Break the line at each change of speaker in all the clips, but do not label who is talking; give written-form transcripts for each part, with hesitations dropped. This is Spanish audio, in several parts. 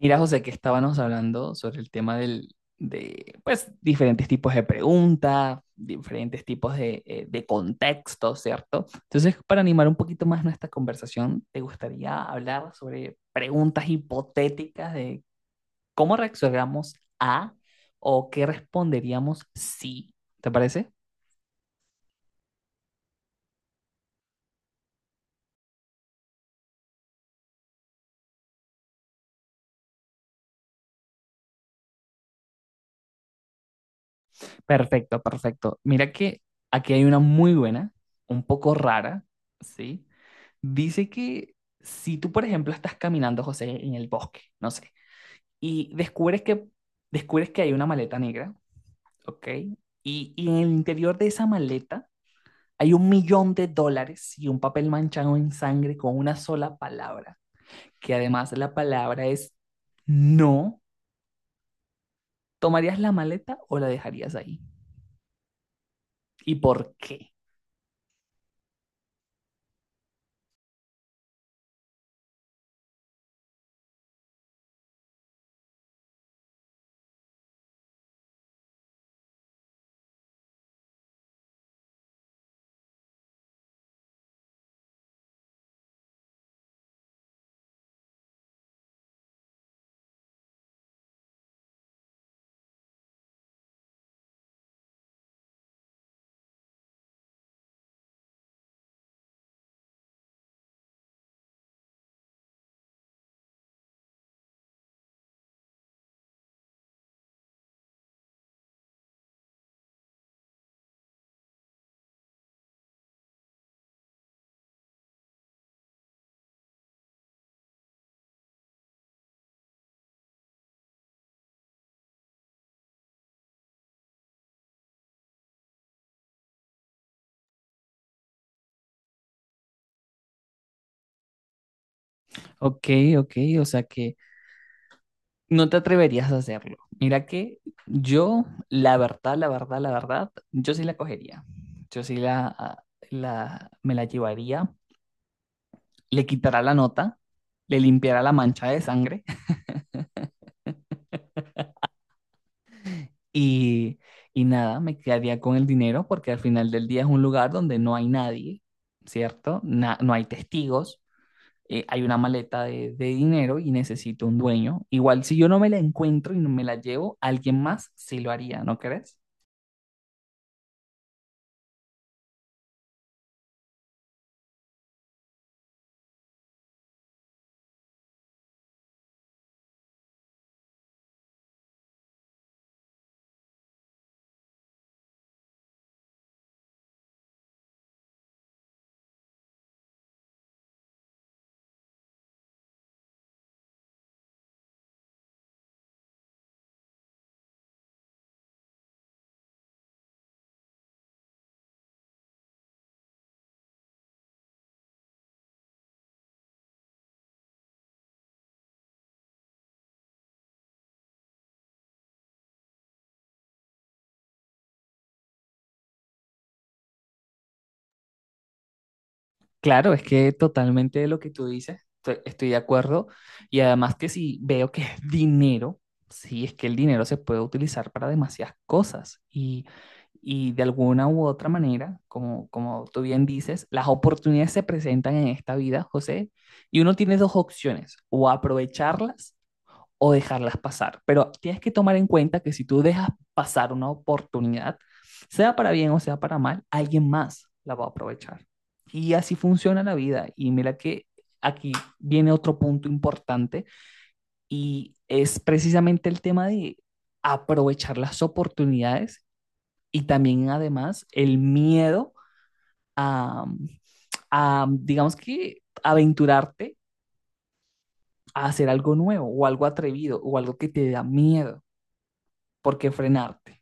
Mira, José, que estábamos hablando sobre el tema del, de, pues, diferentes tipos de preguntas, diferentes tipos de contextos, ¿cierto? Entonces, para animar un poquito más nuestra conversación, ¿te gustaría hablar sobre preguntas hipotéticas de cómo reaccionamos a o qué responderíamos si? ¿Te parece? Perfecto, perfecto. Mira que aquí hay una muy buena, un poco rara, ¿sí? Dice que si tú, por ejemplo, estás caminando, José, en el bosque, no sé, y descubres que, descubres que hay una maleta negra, ¿ok? Y en el interior de esa maleta hay $1.000.000 y un papel manchado en sangre con una sola palabra, que además la palabra es no. ¿Tomarías la maleta o la dejarías ahí? ¿Y por qué? Ok, ok, o sea que no te atreverías a hacerlo. Mira que yo, la verdad, yo sí la cogería. Yo sí la, la, me la llevaría, le quitará la nota, le limpiará la mancha de sangre y, y nada, me quedaría con el dinero porque al final del día es un lugar donde no hay nadie, ¿cierto? No hay testigos, hay una maleta de dinero y necesito un dueño. Igual si yo no me la encuentro y no me la llevo, alguien más sí lo haría, ¿no crees? Claro, es que totalmente lo que tú dices, estoy de acuerdo. Y además que si veo que es dinero, sí, es que el dinero se puede utilizar para demasiadas cosas. Y de alguna u otra manera, como, como tú bien dices, las oportunidades se presentan en esta vida, José, y uno tiene dos opciones, o aprovecharlas o dejarlas pasar. Pero tienes que tomar en cuenta que si tú dejas pasar una oportunidad, sea para bien o sea para mal, alguien más la va a aprovechar. Y así funciona la vida. Y mira que aquí viene otro punto importante y es precisamente el tema de aprovechar las oportunidades y también además el miedo a, a digamos que, aventurarte a hacer algo nuevo o algo atrevido o algo que te da miedo. ¿Por qué frenarte?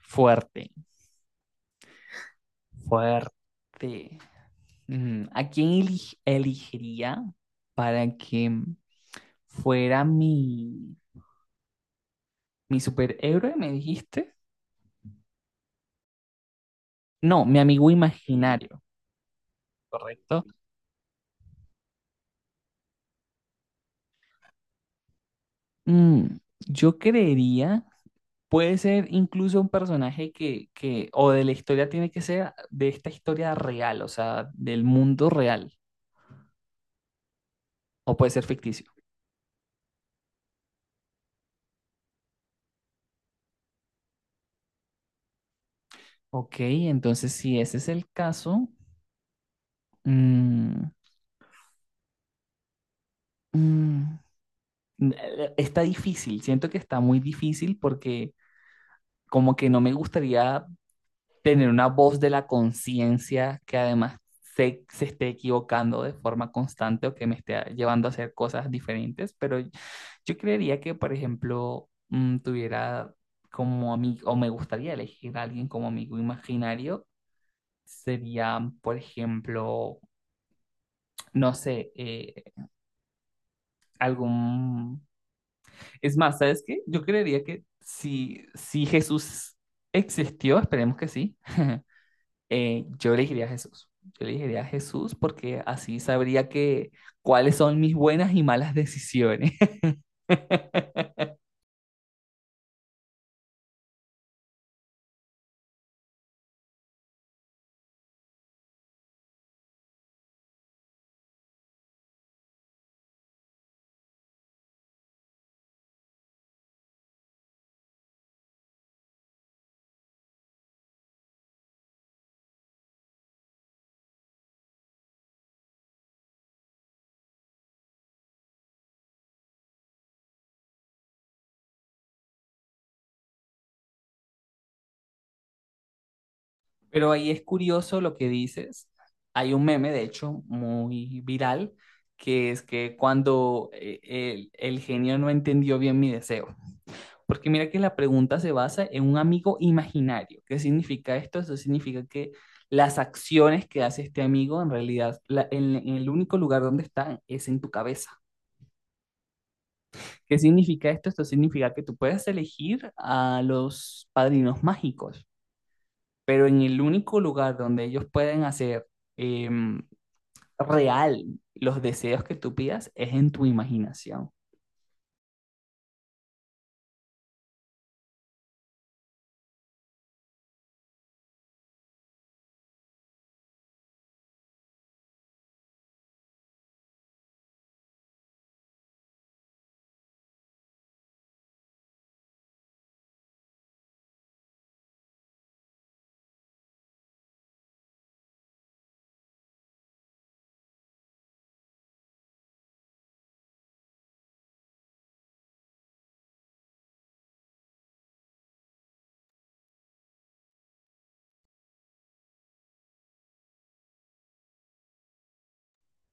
Fuerte, fuerte. Mm, ¿a quién elegiría para que fuera mi superhéroe, me dijiste? No, mi amigo imaginario, ¿correcto? Mm, yo creería, puede ser incluso un personaje que, o de la historia tiene que ser de esta historia real, o sea, del mundo real, o puede ser ficticio. Ok, entonces si ese es el caso, mm, mm, está difícil, siento que está muy difícil porque como que no me gustaría tener una voz de la conciencia que además se esté equivocando de forma constante o que me esté llevando a hacer cosas diferentes, pero yo creería que, por ejemplo, mm, tuviera como amigo, o me gustaría elegir a alguien como amigo imaginario, sería, por ejemplo, no sé, algún. Es más, ¿sabes qué? Yo creería que si Jesús existió, esperemos que sí, yo elegiría a Jesús. Yo elegiría a Jesús porque así sabría que cuáles son mis buenas y malas decisiones. Pero ahí es curioso lo que dices. Hay un meme, de hecho, muy viral, que es que cuando el genio no entendió bien mi deseo. Porque mira que la pregunta se basa en un amigo imaginario. ¿Qué significa esto? Eso significa que las acciones que hace este amigo en realidad, en el único lugar donde están es en tu cabeza. ¿Qué significa esto? Esto significa que tú puedes elegir a los padrinos mágicos, pero en el único lugar donde ellos pueden hacer em, real los deseos que tú pidas es en tu imaginación.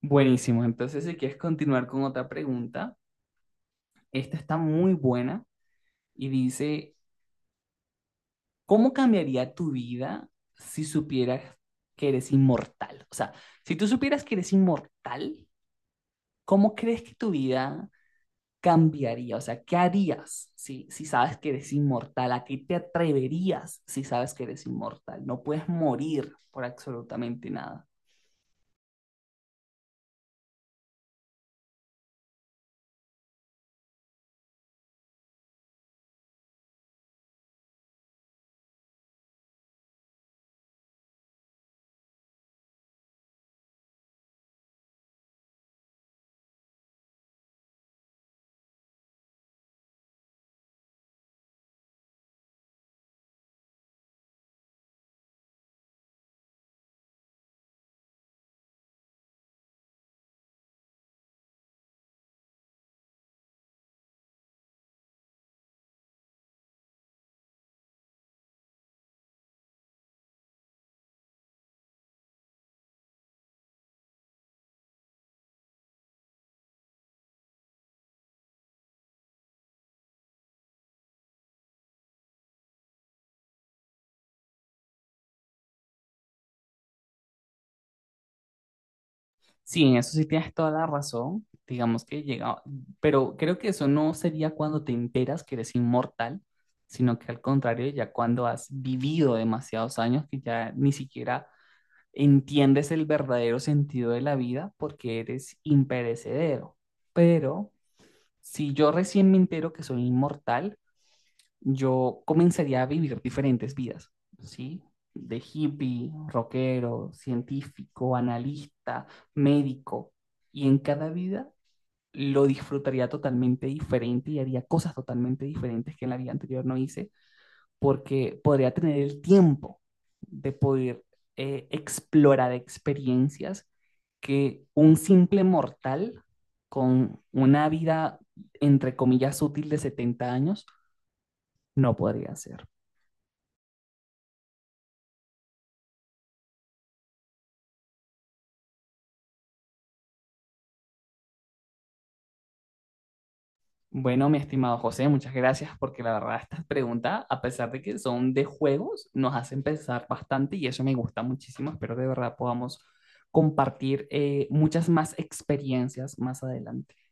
Buenísimo. Entonces, si quieres continuar con otra pregunta, esta está muy buena. Y dice, ¿cómo cambiaría tu vida si supieras que eres inmortal? O sea, si tú supieras que eres inmortal, ¿cómo crees que tu vida cambiaría? O sea, ¿qué harías si sabes que eres inmortal? ¿A qué te atreverías si sabes que eres inmortal? No puedes morir por absolutamente nada. Sí, en eso sí tienes toda la razón. Digamos que llega, pero creo que eso no sería cuando te enteras que eres inmortal, sino que al contrario, ya cuando has vivido demasiados años que ya ni siquiera entiendes el verdadero sentido de la vida porque eres imperecedero. Pero si yo recién me entero que soy inmortal, yo comenzaría a vivir diferentes vidas, ¿sí? De hippie, rockero, científico, analista, médico. Y en cada vida lo disfrutaría totalmente diferente y haría cosas totalmente diferentes que en la vida anterior no hice, porque podría tener el tiempo de poder explorar experiencias que un simple mortal con una vida, entre comillas, útil de 70 años no podría hacer. Bueno, mi estimado José, muchas gracias porque la verdad estas preguntas, a pesar de que son de juegos, nos hacen pensar bastante y eso me gusta muchísimo. Espero de verdad podamos compartir muchas más experiencias más adelante.